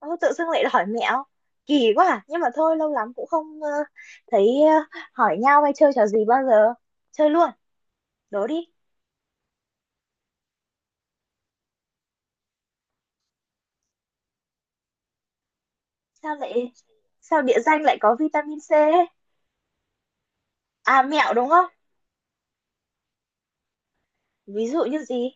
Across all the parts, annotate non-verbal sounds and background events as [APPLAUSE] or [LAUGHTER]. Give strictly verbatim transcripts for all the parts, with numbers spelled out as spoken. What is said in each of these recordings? Ô, tự dưng lại hỏi mẹo kỳ quá à. Nhưng mà thôi, lâu lắm cũng không ờ, thấy ờ, hỏi nhau hay chơi trò gì bao giờ. Chơi luôn, đố đi. Sao lại sao địa danh lại có vitamin xi ấy? À, mẹo đúng không? Ví dụ như gì?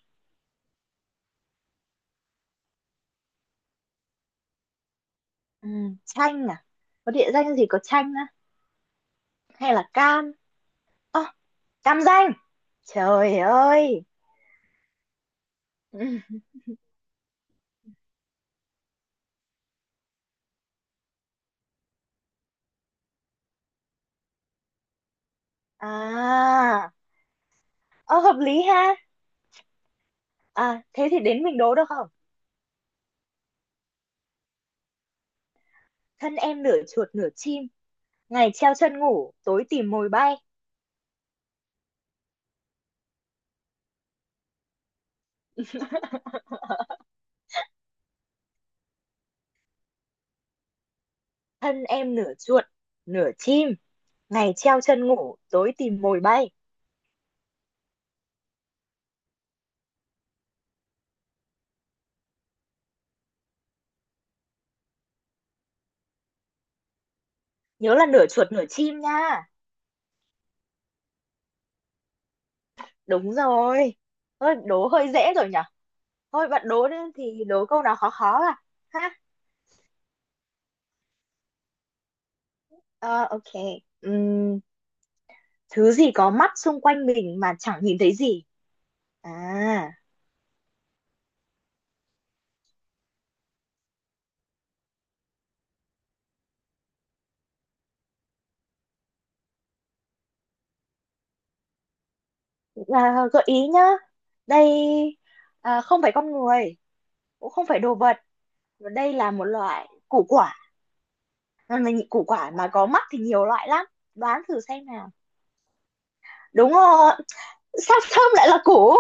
Ừ, chanh à? Có địa danh gì có chanh á, hay là cam? Ơ, cam danh. Trời ơi. Ừ. à ờ, hợp lý ha. À, thế thì đến mình đố được không? Thân em nửa chuột nửa chim, ngày treo chân ngủ tối tìm mồi bay. [LAUGHS] Thân em nửa chuột nửa chim, ngày treo chân ngủ tối tìm mồi bay. Nhớ là nửa chuột nửa chim nha. Đúng rồi. Thôi, đố hơi dễ rồi nhở. Thôi, bạn đố đi thì đố câu nào khó khó à. Ha. Ờ ok Ừm, Thứ gì có mắt xung quanh mình mà chẳng nhìn thấy gì? À, à gợi ý nhá. Đây. À, không phải con người, cũng không phải đồ vật. Và đây là một loại củ quả mà mình củ quả mà có mắt thì nhiều loại lắm. Đoán thử xem nào. Đúng rồi. Sao thơm lại là củ?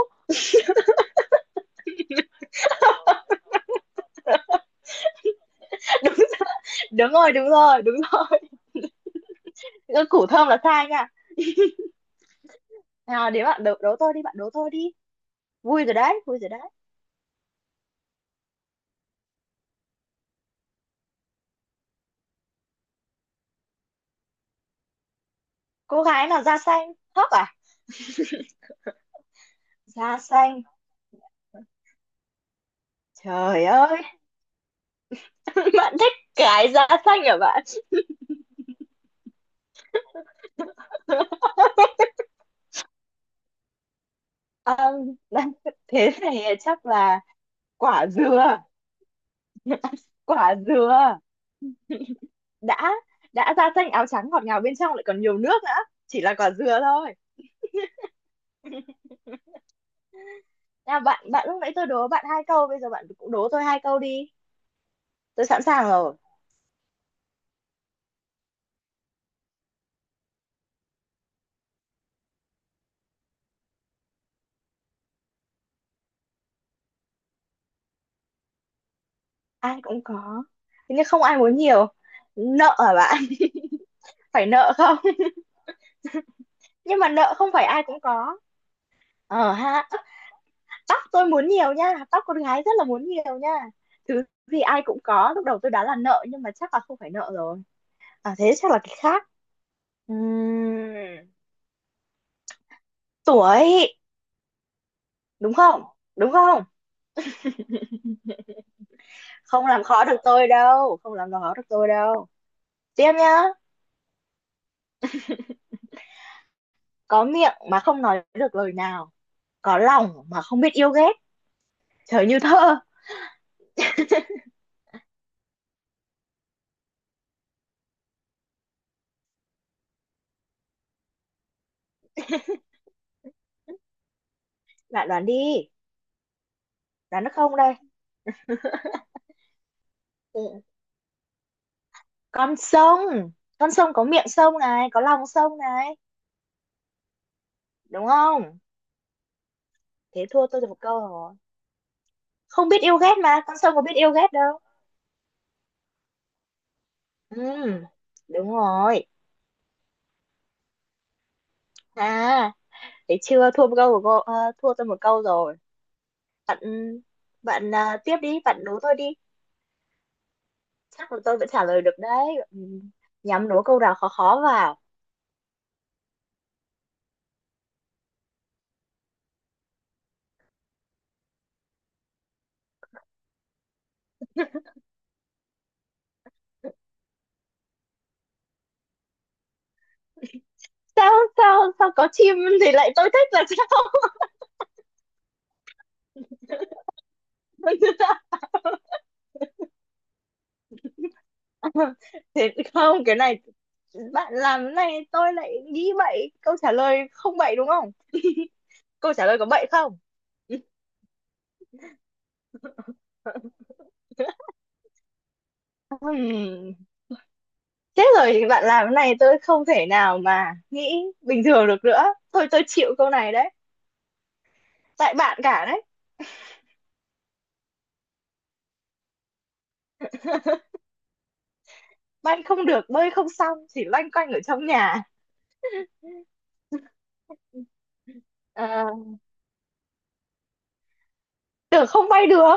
[LAUGHS] Đúng, đúng rồi, đúng rồi, đúng rồi. Củ thơm là sai nha. Nào, đến bạn đấu, đấu tôi đi, bạn đấu tôi đi. Vui rồi đấy, vui rồi đấy. Cô gái nào da xanh thóc à? Da xanh? Trời ơi. [LAUGHS] Bạn thích cái da xanh hả bạn? [LAUGHS] Ờm, Thế này chắc là. Quả dừa. Quả dừa. Đã đã da xanh áo trắng ngọt ngào bên trong, lại còn nhiều nước nữa, chỉ là quả dừa thôi. Nào bạn bạn, lúc nãy tôi đố bạn hai câu, bây giờ bạn cũng đố tôi hai câu đi. Tôi sẵn sàng rồi. Ai cũng có, thế nhưng không ai muốn nhiều. Nợ hả bạn? [LAUGHS] Phải nợ không? [LAUGHS] Nhưng mà nợ không phải ai cũng có. Ờ ha. Tóc tôi muốn nhiều nha, tóc con gái rất là muốn nhiều nha. Thứ gì ai cũng có, lúc đầu tôi đoán là nợ, nhưng mà chắc là không phải nợ rồi. À, thế chắc là cái khác. Ừm, Tuổi. Đúng không, đúng không? Không làm khó được tôi đâu, không làm khó được tôi đâu. Tiếp nhá. Có miệng mà không nói được lời nào, có lòng mà không biết yêu ghét. Trời, như thơ. Bạn đoán đi. Đoán được không đây? Ừ, con sông. Con sông có miệng sông này, có lòng sông này. Đúng không? Thế thua tôi được một câu rồi. Không biết yêu ghét mà, con sông có biết yêu ghét đâu. Ừ, đúng rồi. À, thế chưa thua một câu của cô, ờ, thua tôi một câu rồi. Bạn bạn à, tiếp đi, bạn đố tôi đi. Chắc là tôi vẫn trả lời được đấy. Ừ, nhắm đố câu nào khó khó vào. Sao sao sao có chim thì lại tôi thích là sao? [LAUGHS] Tôi chưa sao? [LAUGHS] Thế không, cái này bạn làm cái này tôi lại nghĩ bậy. Câu trả lời không bậy đúng không? [LAUGHS] Câu trả lời có bậy không? [LAUGHS] Ừm, Thế rồi thì bạn làm cái này tôi không thể nào mà nghĩ bình thường được nữa. Thôi, tôi chịu câu này đấy. Tại bạn cả đấy. Bạn không được, bơi không xong, chỉ loanh quanh ở trong nhà. À, tưởng không bay được,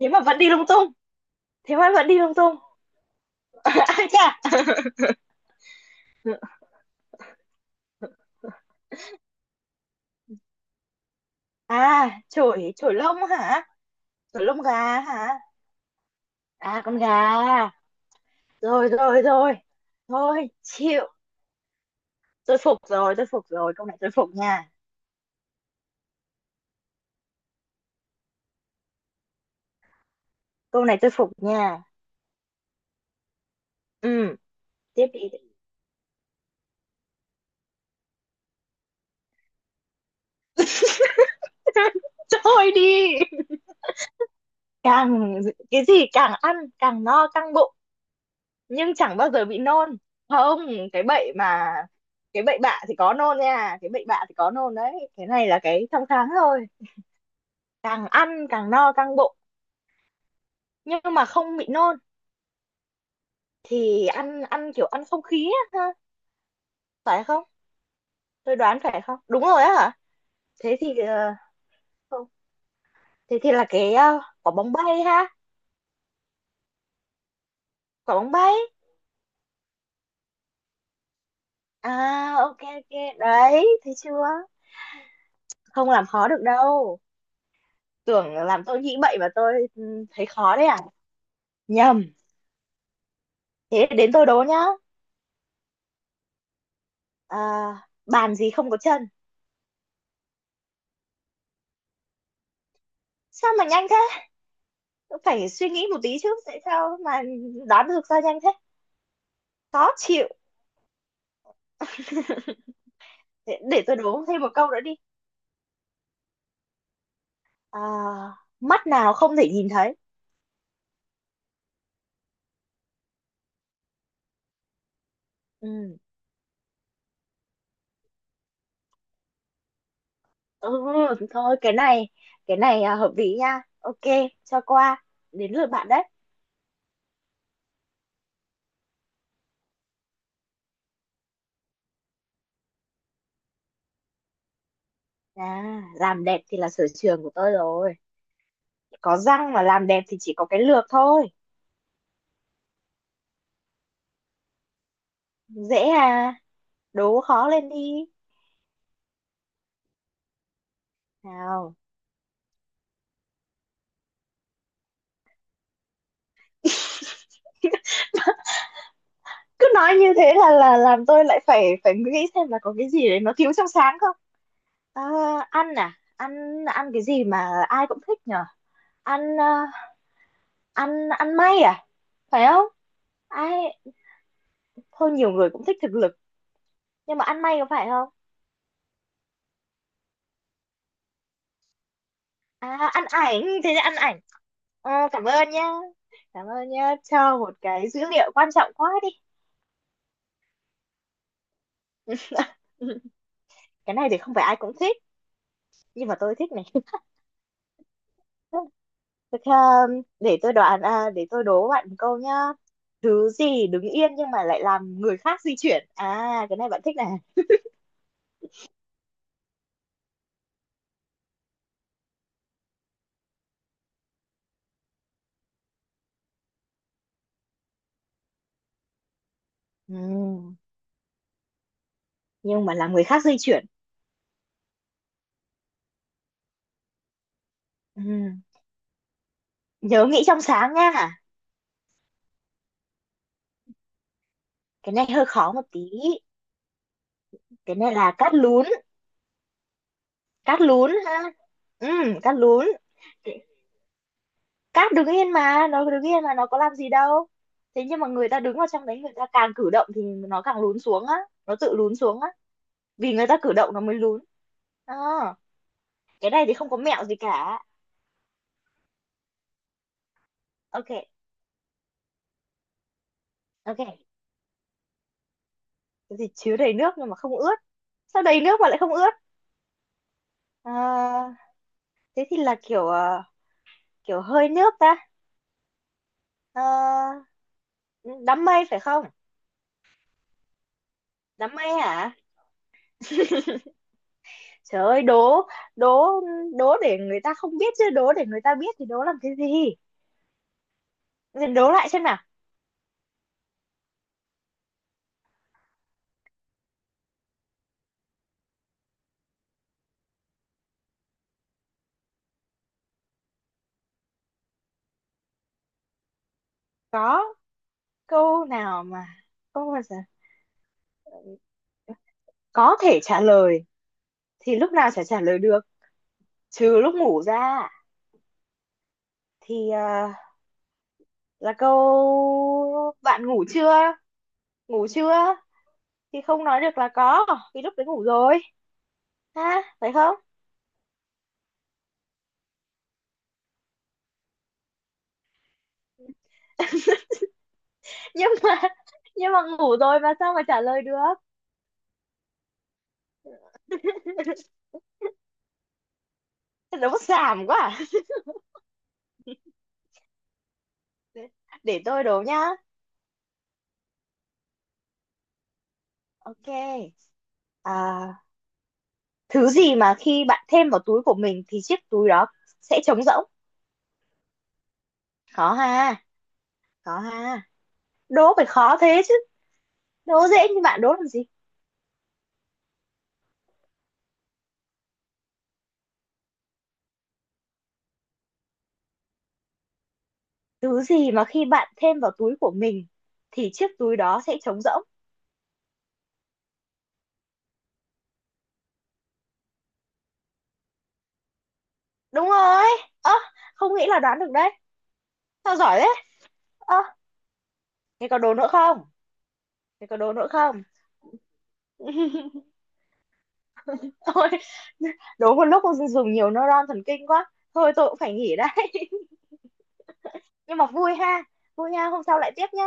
thế mà vẫn đi lung tung. Thế mà vẫn đi lung tung. [LAUGHS] Ai chà. À, chổi, chổi lông hả? Chổi lông gà hả? À, con gà. Rồi, rồi, rồi. Thôi chịu. Tôi phục rồi, tôi phục rồi, câu này tôi phục nha, câu này tôi phục nha. Ừ, tiếp đi. [LAUGHS] Thôi đi. càng cái gì càng ăn càng no căng bụng nhưng chẳng bao giờ bị nôn? Không, cái bệnh mà cái bệnh bạ thì có nôn nha, cái bệnh bạ thì có nôn đấy, cái này là cái trong tháng thôi. Càng ăn càng no căng bụng nhưng mà không bị nôn? Thì ăn ăn kiểu ăn không khí á ha. Phải không? Tôi đoán phải không, đúng rồi á hả? Thế thì ờ, không, thế thì là cái ờ, quả bóng bay ha. Quả bóng bay. À, ok, ok. Đấy thấy chưa? Không làm khó được đâu. Tưởng làm tôi nghĩ bậy mà tôi ừ, thấy khó đấy à? Nhầm. Thế đến tôi đố nhá. À, bàn gì không có chân? Sao mà nhanh thế? Phải suy nghĩ một tí chứ, tại sao mà? Đoán được sao nhanh thế? Khó chịu. Để, để tôi đố thêm một câu nữa đi. À, mắt nào không thể nhìn thấy? Ừ. Ừ, thôi cái này. Cái này à, hợp lý nha, ok cho qua. Đến lượt bạn đấy. À, làm đẹp thì là sở trường của tôi rồi. Có răng mà làm đẹp thì chỉ có cái lược thôi. Dễ à? Đố khó lên đi. Nào. Cứ nói như thế là là làm tôi lại phải phải nghĩ xem là có cái gì đấy nó thiếu trong sáng không? À, ăn à, ăn ăn cái gì mà ai cũng thích nhở? Ăn à, ăn ăn may à? Phải không? Ai, thôi nhiều người cũng thích thực lực, nhưng mà ăn may có phải không? À, ăn ảnh, thế thì ăn ảnh. Ờ, cảm ơn nhá. Cảm ơn nhá, cho một cái dữ liệu quan trọng quá đi. [LAUGHS] Cái này thì không phải ai cũng thích, nhưng mà tôi thích này. [LAUGHS] Thế um, để tôi đoán à, để tôi đố bạn một câu nhá. Thứ gì đứng yên nhưng mà lại làm người khác di chuyển? À, cái này bạn thích này. Ừm, nhưng mà làm người khác di chuyển. Ừm, Nhớ nghĩ trong sáng nha. Cái này hơi khó một tí. Cái này là cát lún, cát lún ha. Ừm, cát lún. Cát đứng yên, mà nó đứng yên mà nó có làm gì đâu. Thế nhưng mà người ta đứng vào trong đấy, người ta càng cử động thì nó càng lún xuống á. Nó tự lún xuống á. Vì người ta cử động nó mới lún. Ờ, cái này thì không có mẹo gì cả. Ok, ok. Cái gì chứa đầy nước nhưng mà không ướt? Sao đầy nước mà lại không ướt? Ờ, thế thì là kiểu ờ, kiểu hơi nước ta. Ờ, đám mây phải không? Đám mây hả? Trời ơi, đố, đố, đố để người ta không biết chứ, đố để người ta biết thì đố làm cái gì? Đố lại xem nào. Có câu nào mà không bao giờ có thể trả lời? Thì lúc nào chả trả lời được, trừ lúc ngủ ra, thì ờ, là câu bạn ngủ chưa? Ngủ chưa? Thì không nói được là có, vì lúc đấy ngủ rồi, ha phải không? [LAUGHS] nhưng mà nhưng mà ngủ rồi mà sao mà trả lời được? [LAUGHS] Đố xàm quá à. Để tôi đố nhá. Ok. À, thứ gì mà khi bạn thêm vào túi của mình thì chiếc túi đó sẽ trống rỗng? Có ha, có ha? Đố phải khó thế chứ, đố dễ như bạn đố làm gì. Thứ gì mà khi bạn thêm vào túi của mình thì chiếc túi đó sẽ trống rỗng? Đúng rồi. Ơ, không nghĩ là đoán được đấy. Sao giỏi thế? Ơ, thế có đố nữa không, thế có đố nữa không? [LAUGHS] Thôi, đố một lúc không dùng nhiều neuron thần kinh quá, thôi tôi cũng phải nghỉ đây. Nhưng mà vui ha. Vui nha, hôm sau lại tiếp nhá.